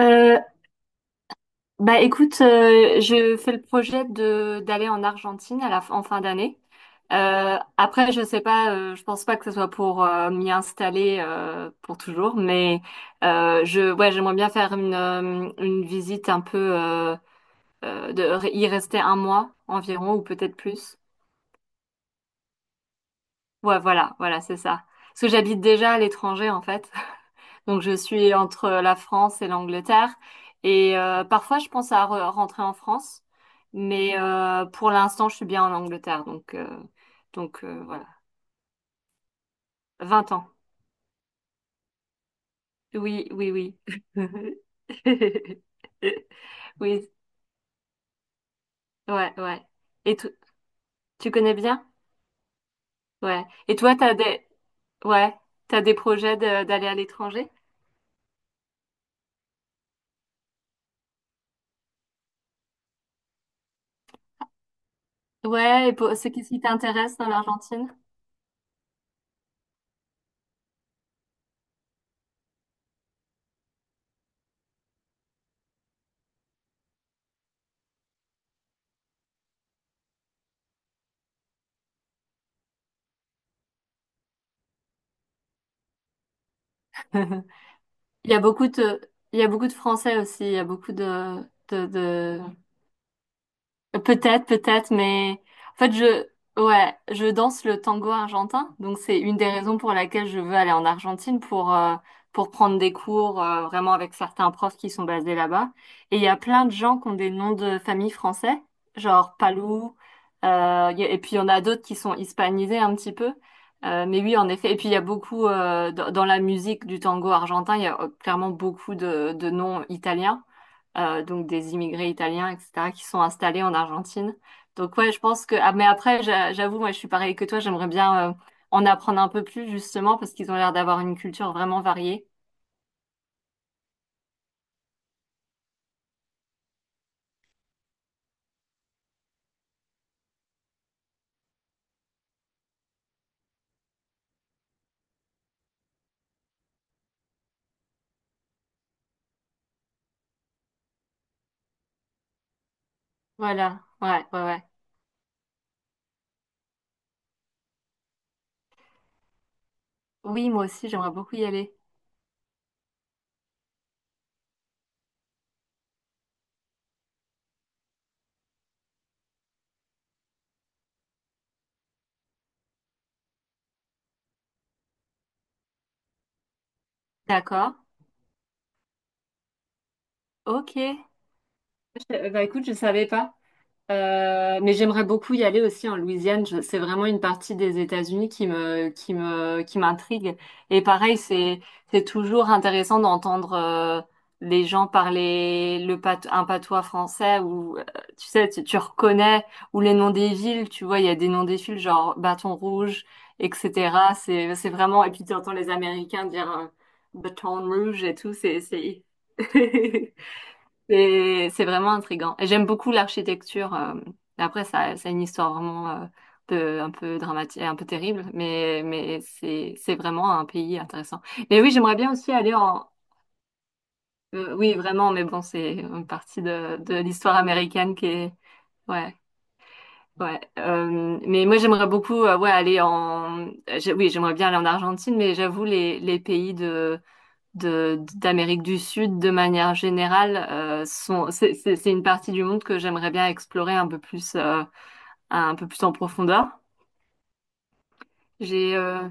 Euh, Bah écoute, je fais le projet de d'aller en Argentine en fin d'année. Après, je sais pas, je pense pas que ce soit pour m'y installer pour toujours, mais j'aimerais bien faire une visite un peu, y rester un mois environ ou peut-être plus. Ouais, voilà, voilà, c'est ça. Parce que j'habite déjà à l'étranger en fait. Donc je suis entre la France et l'Angleterre et parfois je pense à rentrer en France, mais pour l'instant je suis bien en Angleterre, donc voilà. 20 ans. Oui, oui, oui. Oui, ouais, ouais. Et tu connais bien. Ouais. Et toi, t'as des... Ouais, t'as des projets d'aller à l'étranger. Ouais. Et pour, c'est qu'est-ce qui t'intéresse dans l'Argentine? Il y a beaucoup de, il y a beaucoup de Français aussi. Il y a beaucoup de, Peut-être, peut-être, mais en fait, je danse le tango argentin, donc c'est une des raisons pour laquelle je veux aller en Argentine pour prendre des cours vraiment avec certains profs qui sont basés là-bas. Et il y a plein de gens qui ont des noms de famille français, genre Palou. euh, et puis il y en a d'autres qui sont hispanisés un petit peu. Mais oui, en effet. Et puis il y a beaucoup dans, dans la musique du tango argentin, il y a clairement beaucoup de noms italiens, donc des immigrés italiens, etc., qui sont installés en Argentine. Donc ouais, je pense que... Ah, mais après, j'avoue, moi, je suis pareil que toi, j'aimerais bien en apprendre un peu plus, justement, parce qu'ils ont l'air d'avoir une culture vraiment variée. Voilà, ouais, ouais, ouais. Oui, moi aussi, j'aimerais beaucoup y aller. D'accord. Ok. Bah écoute, je savais pas. Mais j'aimerais beaucoup y aller aussi en Louisiane. C'est vraiment une partie des États-Unis qui m'intrigue. Et pareil, c'est toujours intéressant d'entendre les gens parler un patois français ou tu sais, tu reconnais, ou les noms des villes. Tu vois, il y a des noms des villes genre Bâton Rouge, etc. C'est vraiment. Et puis tu entends les Américains dire Baton Rouge et tout. C'est. C'est vraiment intriguant. Et j'aime beaucoup l'architecture. Après, ça, c'est une histoire vraiment, un peu dramatique, un peu terrible, mais c'est vraiment un pays intéressant. Mais oui, j'aimerais bien aussi aller en... oui, vraiment, mais bon, c'est une partie de l'histoire américaine qui est... Ouais, ouais. Mais moi, j'aimerais beaucoup, ouais, aller en. Oui, j'aimerais bien aller en Argentine, mais j'avoue, les pays de d'Amérique du Sud de manière générale sont c'est une partie du monde que j'aimerais bien explorer un peu plus en profondeur. J'ai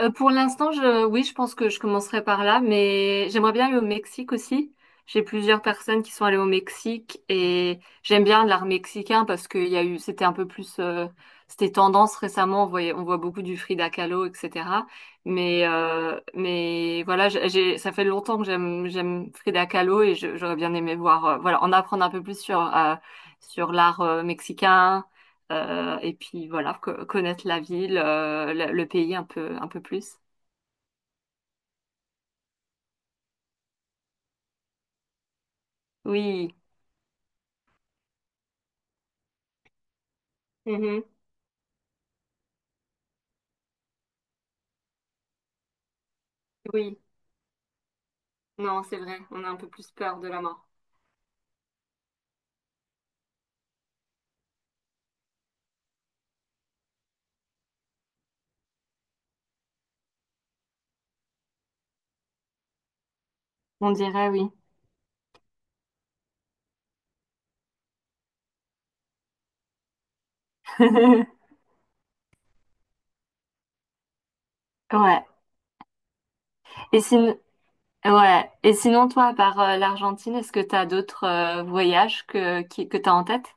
Pour l'instant, oui, je pense que je commencerai par là, mais j'aimerais bien aller au Mexique aussi. J'ai plusieurs personnes qui sont allées au Mexique et j'aime bien l'art mexicain parce qu'il y a eu, c'était un peu plus, c'était tendance récemment. On voit beaucoup du Frida Kahlo, etc. Mais voilà, ça fait longtemps que j'aime Frida Kahlo et j'aurais bien aimé voir, voilà, en apprendre un peu plus sur l'art, mexicain. Et puis voilà, connaître la ville, le pays un peu plus. Oui, mhm, oui, non, c'est vrai, on a un peu plus peur de la mort. On dirait oui. Ouais. Et sinon, ouais. Et sinon, toi, à part l'Argentine, est-ce que t'as d'autres voyages que t'as en tête?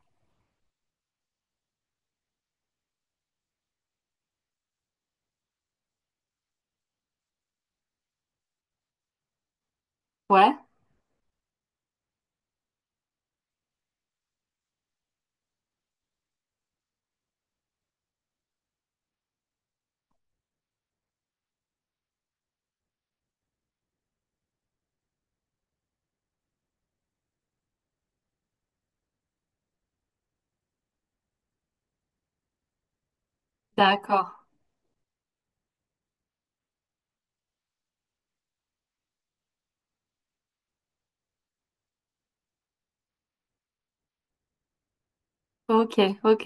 Ouais, d'accord. Ok, ok.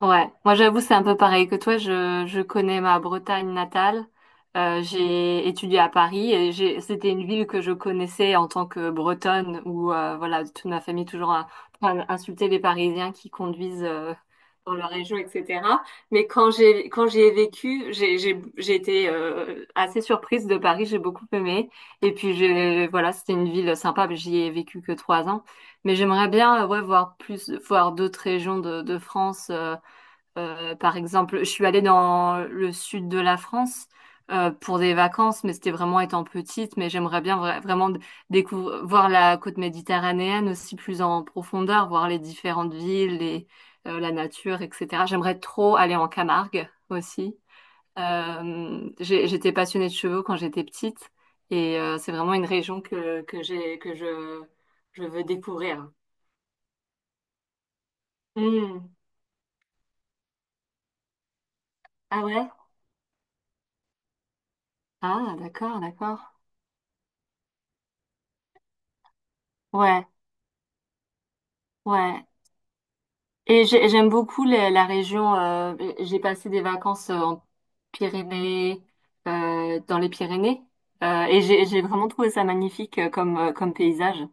Ouais, moi j'avoue c'est un peu pareil que toi, je connais ma Bretagne natale. J'ai étudié à Paris et c'était une ville que je connaissais en tant que Bretonne où voilà, toute ma famille toujours a insulté les Parisiens qui conduisent dans leur région, etc. Mais quand j'y ai vécu, j'ai été assez surprise de Paris, j'ai beaucoup aimé et puis j'ai voilà, c'était une ville sympa, mais j'y ai vécu que 3 ans, mais j'aimerais bien ouais, voir d'autres régions de France. Par exemple, je suis allée dans le sud de la France pour des vacances, mais c'était vraiment étant petite. Mais j'aimerais bien vraiment découvrir, voir la côte méditerranéenne aussi plus en profondeur, voir les différentes villes, la nature, etc. J'aimerais trop aller en Camargue aussi. J'étais passionnée de chevaux quand j'étais petite et c'est vraiment une région que j'ai, que je veux découvrir. Hmm. Ah ouais? Ah, d'accord, d'accord. Ouais. Ouais. J'aime beaucoup la région. J'ai passé des vacances Pyrénées, dans les Pyrénées, et j'ai vraiment trouvé ça magnifique comme paysage.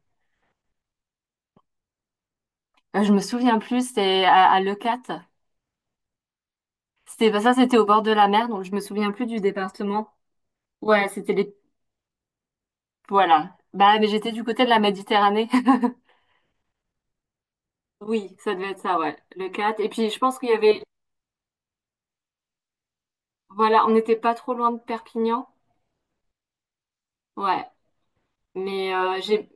Je me souviens plus, c'était à Leucate. C'était bah, ça, c'était au bord de la mer, donc je me souviens plus du département. Ouais, c'était les voilà. Bah, mais j'étais du côté de la Méditerranée. Oui, ça devait être ça, ouais. Le 4. Et puis, je pense qu'il y avait, voilà, on n'était pas trop loin de Perpignan. Ouais. Mais j'ai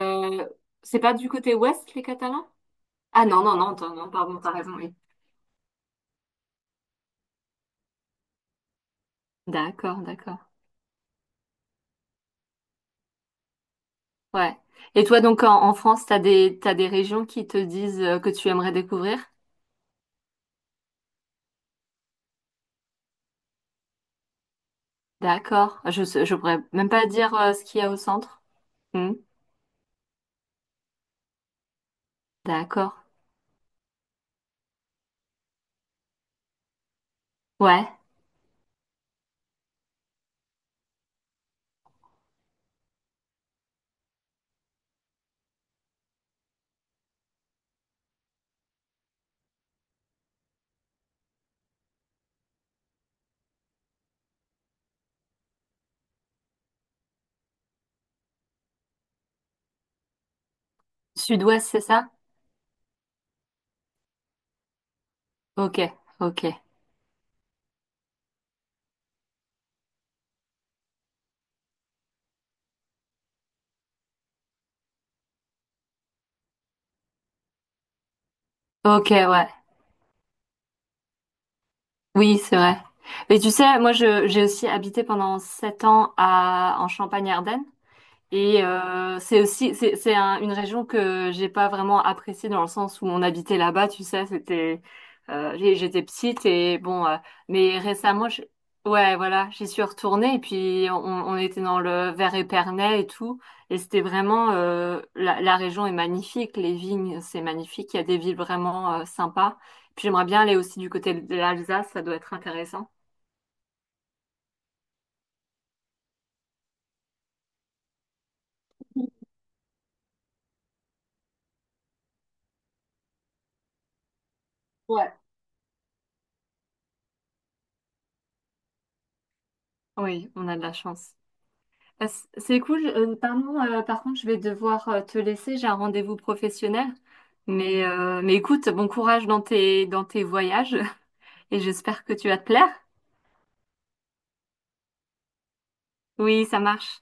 Euh, c'est pas du côté ouest, les Catalans? Ah non, non, non, non, pardon, t'as raison, oui. D'accord, d'accord. Ouais. Et toi, donc, en France, t'as des régions qui te disent que tu aimerais découvrir? D'accord. Je pourrais même pas dire ce qu'il y a au centre. Hmm. D'accord. Ouais. Sud-ouest, c'est ça? Ok, ok. Ok, ouais. Oui, c'est vrai. Mais tu sais, moi, j'ai aussi habité pendant 7 ans en Champagne-Ardenne. Et c'est aussi c'est une région que j'ai pas vraiment appréciée dans le sens où on habitait là-bas, tu sais, j'étais petite et bon mais récemment ouais voilà, j'y suis retournée et puis on était dans le Vers-Épernay et tout et c'était vraiment la région est magnifique, les vignes, c'est magnifique, il y a des villes vraiment sympas. Puis j'aimerais bien aller aussi du côté de l'Alsace, ça doit être intéressant. Ouais. Oui, on a de la chance. C'est cool. Pardon, par contre, je vais devoir te laisser. J'ai un rendez-vous professionnel. Mais écoute, bon courage dans dans tes voyages et j'espère que tu vas te plaire. Oui, ça marche.